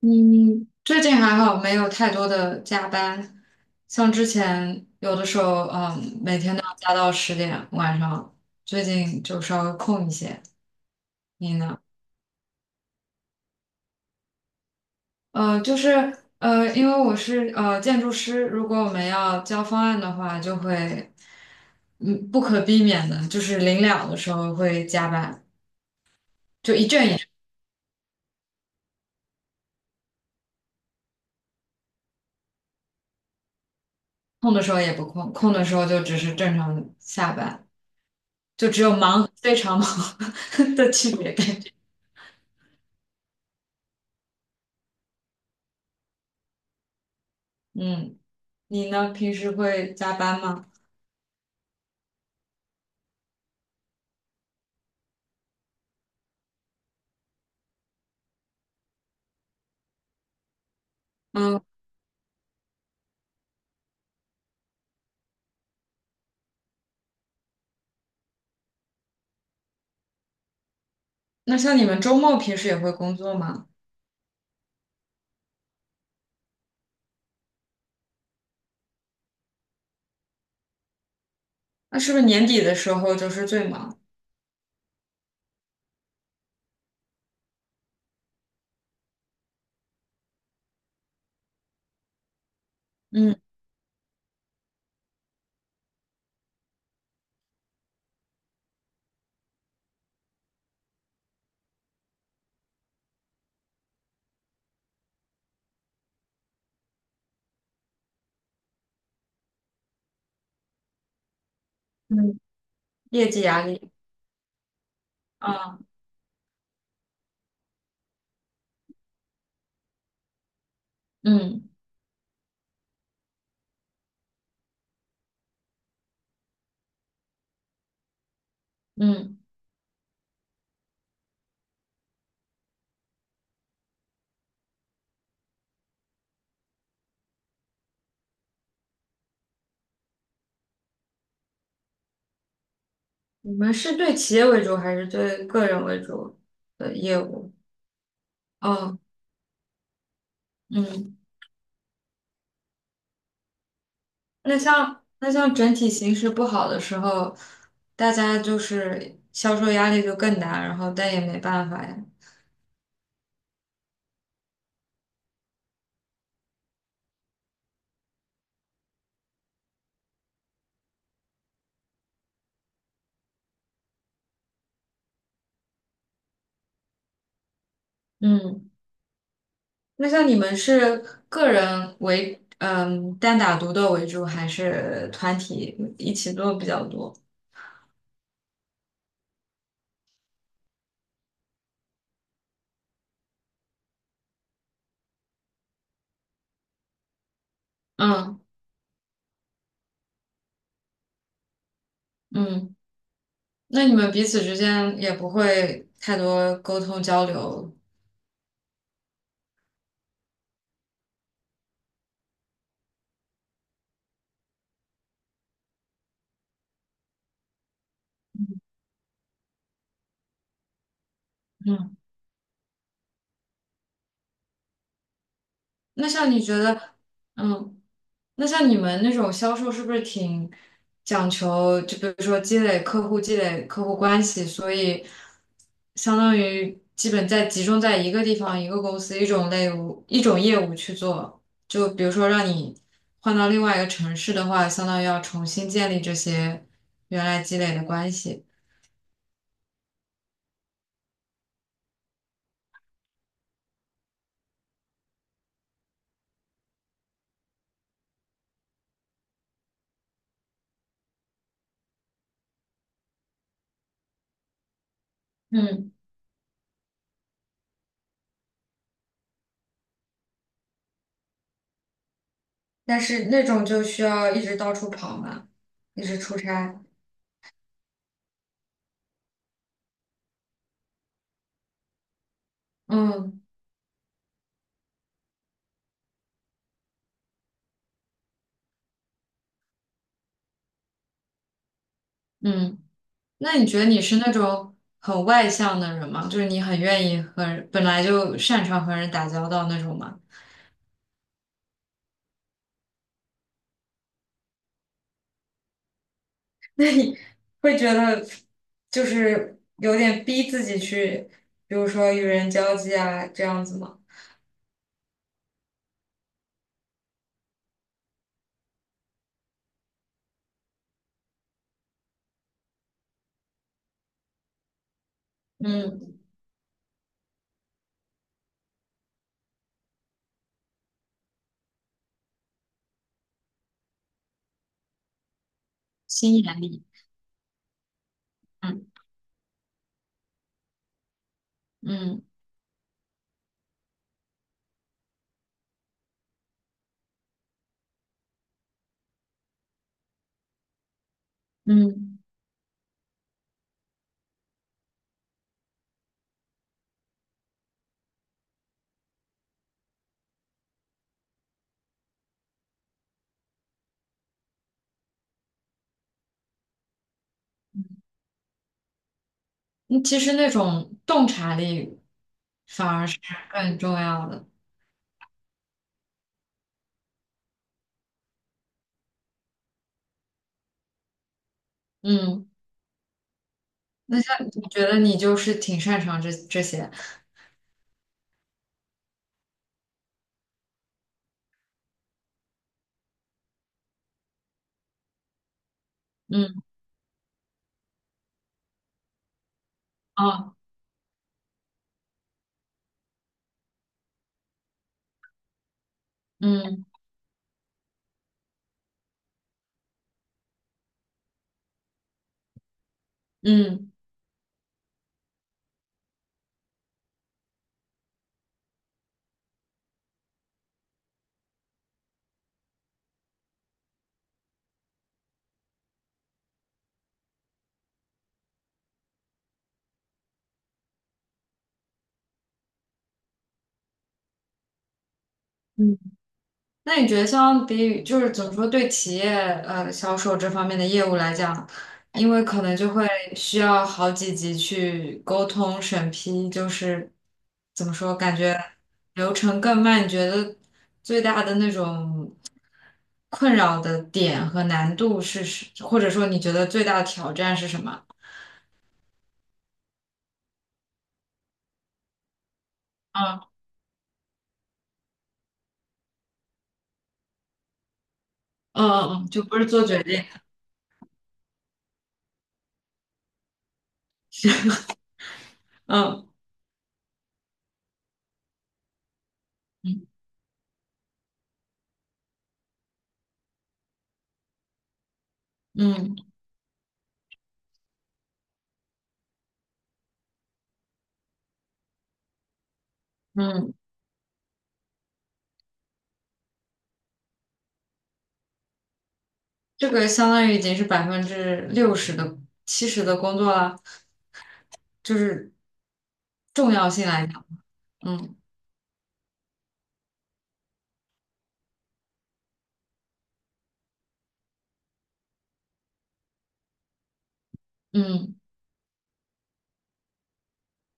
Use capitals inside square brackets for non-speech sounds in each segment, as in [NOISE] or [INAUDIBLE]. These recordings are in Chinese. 嗯，最近还好，没有太多的加班。像之前有的时候，每天都要加到10点晚上，最近就稍微空一些。你呢？就是因为我是建筑师，如果我们要交方案的话，就会不可避免的，就是临了的时候会加班，就一阵一阵，空的时候也不空，空的时候就只是正常下班，就只有忙和非常忙 [LAUGHS] 的区别感觉。嗯。你呢？平时会加班吗？嗯，那像你们周末平时也会工作吗？那是不是年底的时候就是最忙？嗯嗯，业绩压力。啊，嗯嗯，你们是对企业为主还是对个人为主的业务？哦，嗯，那像整体形势不好的时候，大家就是销售压力就更大，然后但也没办法呀。嗯。那像你们是个人为，单打独斗为主，还是团体一起做比较多？嗯嗯，那你们彼此之间也不会太多沟通交流。嗯，那像你觉得，嗯。那像你们那种销售是不是挺讲求，就比如说积累客户、积累客户关系，所以相当于基本在集中在一个地方、一个公司、一种业务去做。就比如说让你换到另外一个城市的话，相当于要重新建立这些原来积累的关系。嗯，但是那种就需要一直到处跑嘛，一直出差。嗯嗯。那你觉得你是那种很外向的人吗？就是你很愿意和人本来就擅长和人打交道那种吗？[LAUGHS] 那你会觉得就是有点逼自己去，比如说与人交际啊，这样子吗？嗯，心眼力。嗯嗯嗯，嗯其实那种洞察力反而是更重要的。嗯，那像你觉得你就是挺擅长这些。嗯，啊嗯嗯嗯。那你觉得相比于就是怎么说，对企业销售这方面的业务来讲，因为可能就会需要好几级去沟通审批，就是怎么说，感觉流程更慢。你觉得最大的那种困扰的点和难度是，或者说你觉得最大的挑战是什么？嗯嗯嗯，嗯，就不是做决定，嗯嗯嗯嗯，这个相当于已经是60%的、70%的工作了。就是重要性来讲，嗯嗯，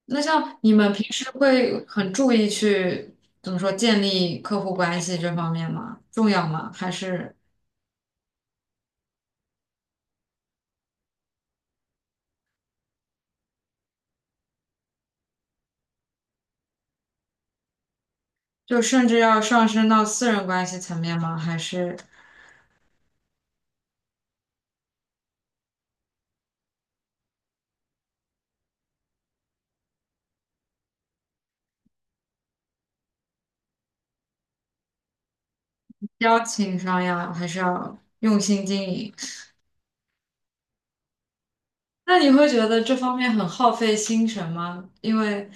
那像你们平时会很注意去怎么说建立客户关系这方面吗？重要吗？还是就甚至要上升到私人关系层面吗？还是交情上呀？还是要用心经营？那你会觉得这方面很耗费心神吗？因为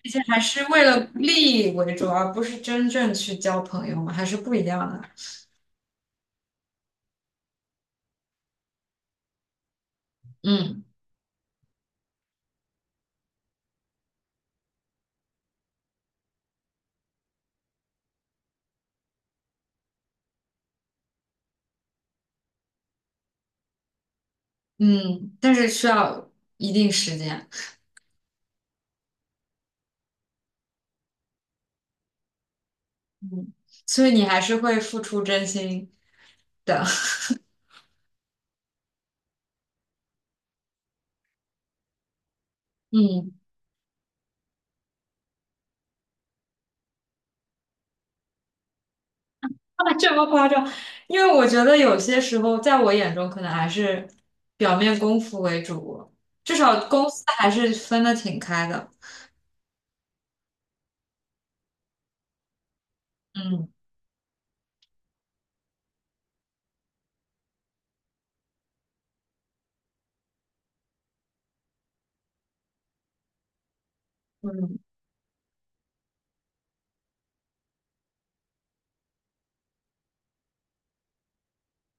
毕竟还是为了利益为主，而不是真正去交朋友嘛，还是不一样的。嗯嗯，但是需要一定时间。嗯，所以你还是会付出真心的。[LAUGHS] 嗯，啊这么夸张？因为我觉得有些时候，在我眼中，可能还是表面功夫为主，至少公司还是分得挺开的。嗯嗯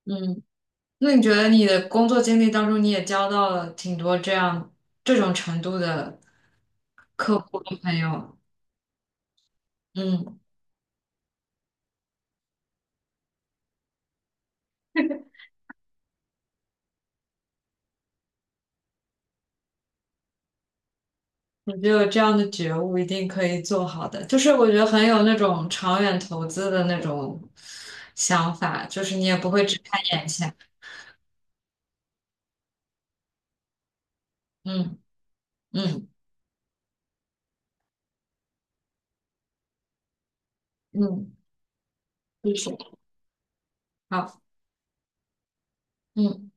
嗯。那你觉得你的工作经历当中，你也交到了挺多这样这种程度的客户和朋友？嗯。我觉得有这样的觉悟，一定可以做好的。就是我觉得很有那种长远投资的那种想法，就是你也不会只看眼前。嗯嗯嗯，就是好，嗯。